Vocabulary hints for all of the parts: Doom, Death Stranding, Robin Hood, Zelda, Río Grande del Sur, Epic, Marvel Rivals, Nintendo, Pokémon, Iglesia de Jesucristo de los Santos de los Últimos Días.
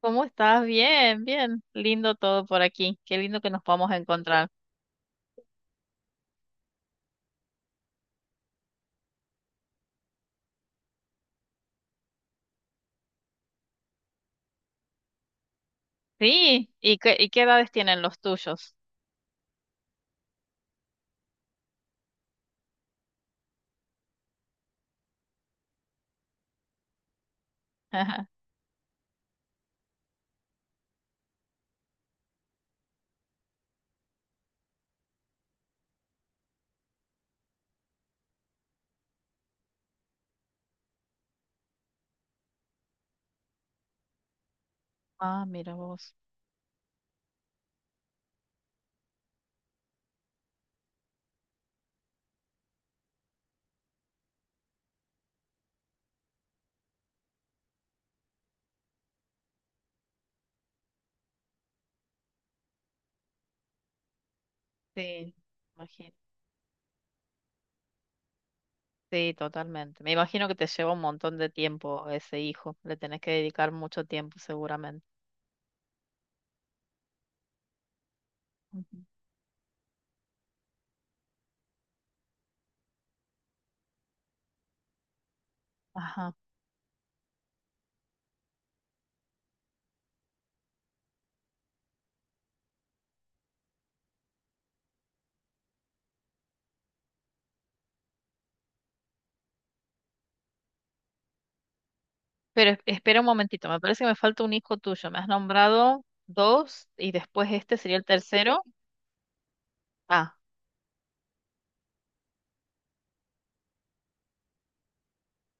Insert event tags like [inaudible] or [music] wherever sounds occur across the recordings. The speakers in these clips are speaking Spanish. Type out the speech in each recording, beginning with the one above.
¿Cómo estás? Bien, bien. Lindo todo por aquí. Qué lindo que nos vamos a encontrar. Sí, ¿y qué edades tienen los tuyos? [laughs] Ah, mira vos. Sí, imagino. Sí, totalmente. Me imagino que te lleva un montón de tiempo ese hijo. Le tenés que dedicar mucho tiempo seguramente. Ujú. Ajá. Pero espera un momentito. Me parece que me falta un hijo tuyo. Me has nombrado dos y después este sería el tercero. Ah,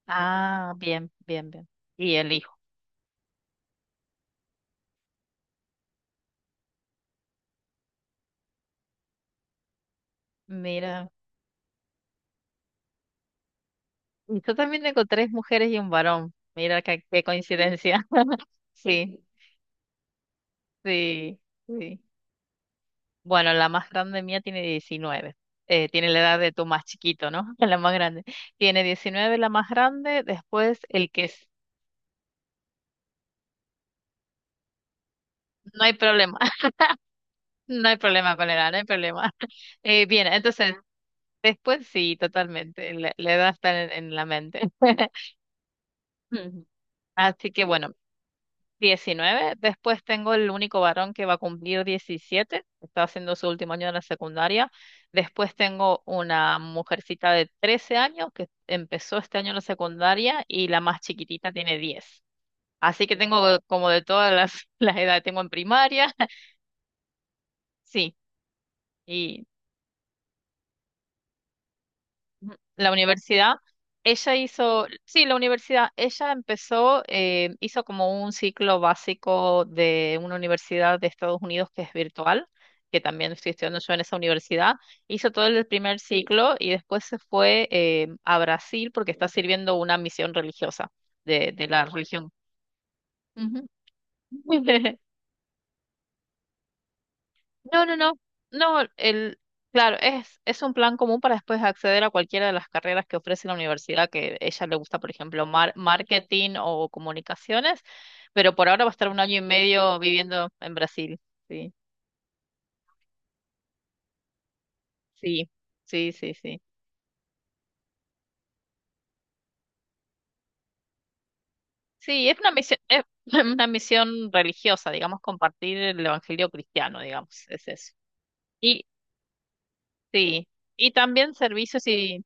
ah, bien, bien, bien. Y el hijo. Mira. Y yo también tengo tres mujeres y un varón. Mira qué coincidencia. [laughs] Sí, sí, sí. Bueno, la más grande mía tiene 19. Tiene la edad de tu más chiquito, ¿no? [laughs] La más grande. Tiene 19 la más grande, después el que es. No hay problema, [laughs] no hay problema con la edad, no hay problema. [laughs] Bien, entonces, después sí, totalmente. La edad está en la mente. [laughs] Ujú. Así que bueno. 19. Después tengo el único varón que va a cumplir 17, está haciendo su último año de la secundaria, después tengo una mujercita de 13 años que empezó este año la secundaria y la más chiquitita tiene 10. Así que tengo como de todas las, [laughs] las edades, tengo en primaria, [laughs] sí, y Ujú. La universidad, sí, ella empezó, hizo como un ciclo básico de una universidad de Estados Unidos que es virtual, que también estoy estudiando yo en esa universidad, hizo todo el primer ciclo y después se fue a Brasil porque está sirviendo una misión religiosa de la religión. Ujú. [laughs] No, no, no, no, claro, es un plan común para después acceder a cualquiera de las carreras que ofrece la universidad, que ella le gusta, por ejemplo, marketing o comunicaciones, pero por ahora va a estar un año y medio viviendo en Brasil. Sí, sí, sí, sí, sí. Sí, es una misión, es [laughs] una misión religiosa, digamos, compartir el evangelio cristiano, digamos, es eso. Y, sí, y también servicios.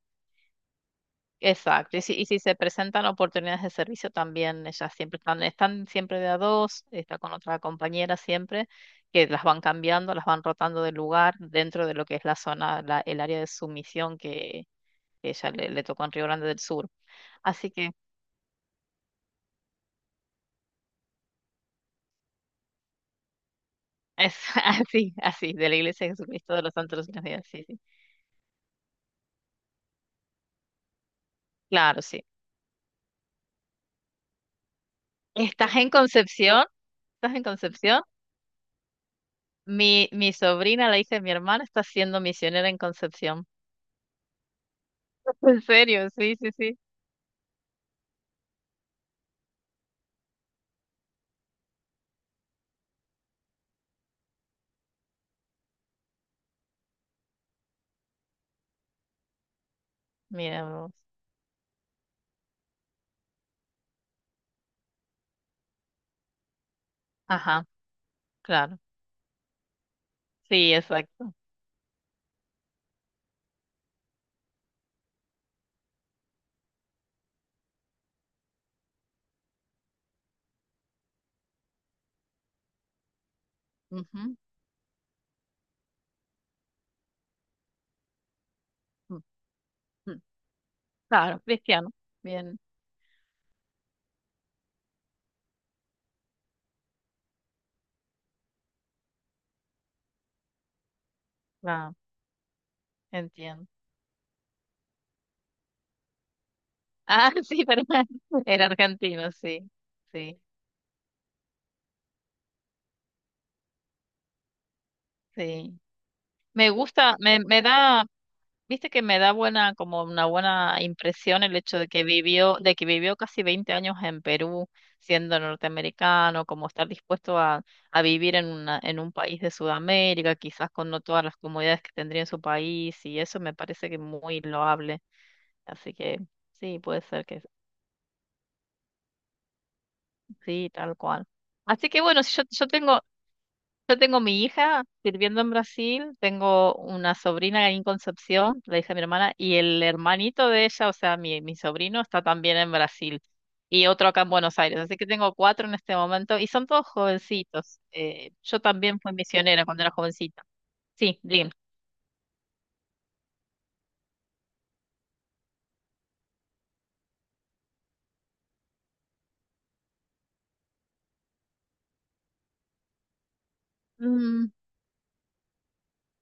Exacto, y si se presentan oportunidades de servicio también, ellas siempre están siempre de a dos, está con otra compañera siempre, que las van cambiando, las van rotando de lugar dentro de lo que es la zona, el área de sumisión que ella le tocó en Río Grande del Sur. Así que es [laughs] así, así, de la Iglesia de Jesucristo de los Santos de los Últimos Días, sí, sí. Claro, sí. ¿Estás en Concepción? ¿Estás en Concepción? Mi sobrina, la hija de mi hermana, está siendo misionera en Concepción. [laughs] En serio, sí, sí, sí. Mira. Ajá, claro. Sí, exacto. Ujú, mm, mm, claro, cristiano. Bien, claro, entiendo. Ah, [laughs] sí, pero [laughs] era argentino, sí, sí, sí. Me gusta, me da, viste que me da buena, como una buena impresión el hecho de que vivió casi 20 años en Perú, siendo norteamericano, como estar dispuesto a vivir en un país de Sudamérica, quizás con no todas las comodidades que tendría en su país, y eso me parece que muy loable. Así que sí, puede ser que sí, tal cual. Así que bueno, si yo tengo mi hija sirviendo en Brasil, tengo una sobrina ahí en Concepción, la hija de mi hermana, y el hermanito de ella, o sea, mi sobrino, está también en Brasil, y otro acá en Buenos Aires. Así que tengo cuatro en este momento, y son todos jovencitos. Yo también fui misionera cuando era jovencita. Sí, dígame. Mm,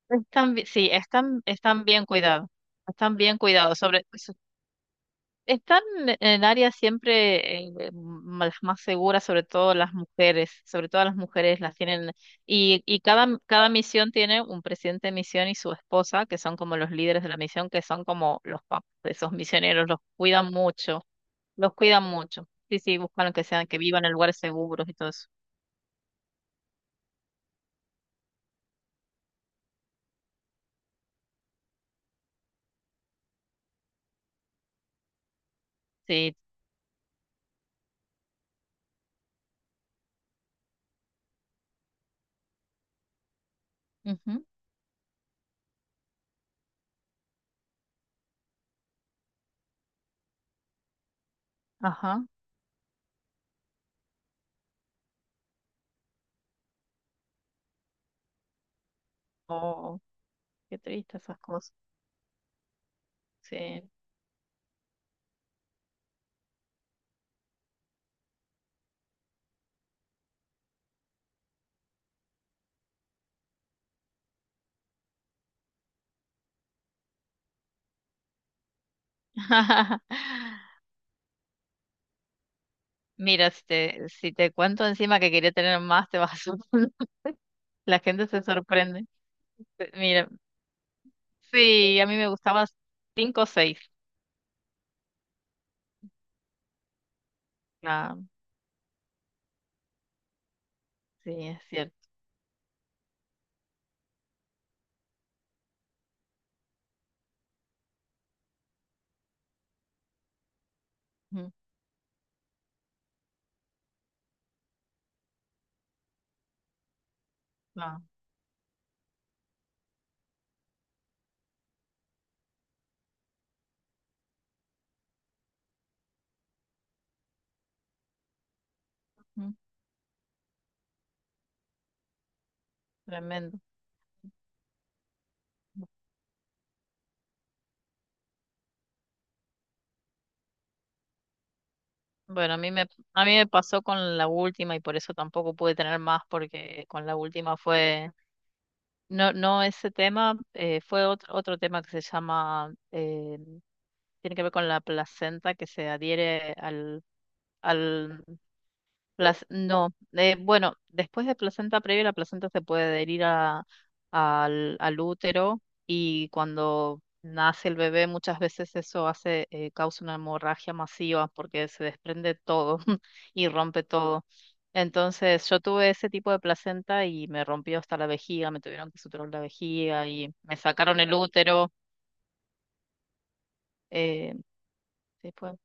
sí, están bien cuidados. Están bien cuidados. Están en el área siempre más segura, sobre todo las mujeres las tienen, y cada misión tiene un presidente de misión y su esposa, que son como los líderes de la misión, que son como los papás de esos misioneros, los cuidan mucho, los cuidan mucho. Sí, sí, buscan que vivan en lugares seguros y todo eso. Sí. Ujú. Ajá. Oh, qué triste esas cosas. Sí. [laughs] Mira, si te cuento encima que quería tener más, te vas a [laughs] asustar. La gente se sorprende. Mira, sí, a mí me gustaba cinco o seis. Ah, sí, es cierto. Ujú, no, ujú, tremendo. Bueno, a mí me pasó con la última y por eso tampoco pude tener más porque con la última fue, no, no ese tema, fue otro tema que se llama, tiene que ver con la placenta que se adhiere al No, bueno, después de placenta previa, la placenta se puede adherir al útero y cuando nace el bebé muchas veces eso causa una hemorragia masiva porque se desprende todo [laughs] y rompe todo. Entonces yo tuve ese tipo de placenta y me rompió hasta la vejiga, me tuvieron que suturar la vejiga y me sacaron el útero. eh, sí,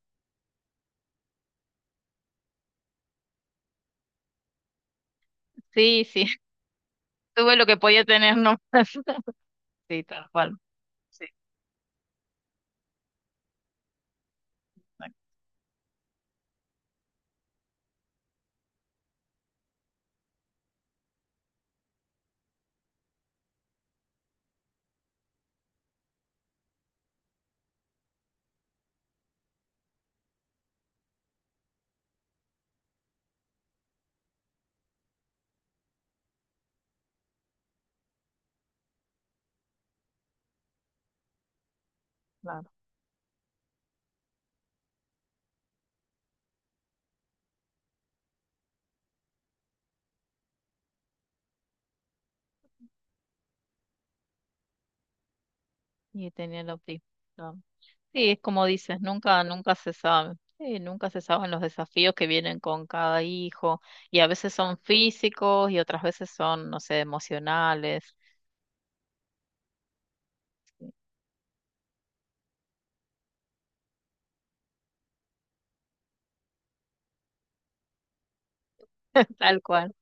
sí, sí, [laughs] tuve lo que podía tener nomás. [laughs] Sí, tal cual. Sí, claro. Y tenía Penélope. No. Sí, es como dices, nunca se sabe. Sí, nunca se saben los desafíos que vienen con cada hijo. Y a veces son físicos y otras veces son, no sé, emocionales. Tal cual.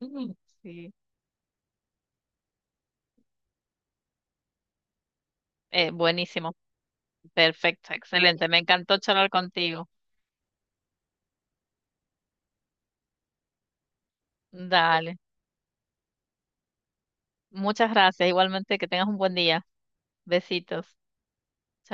Mm, sí. Buenísimo. Perfecto, excelente. Me encantó charlar contigo. Dale. Muchas gracias. Igualmente que tengas un buen día. Besitos. Chao.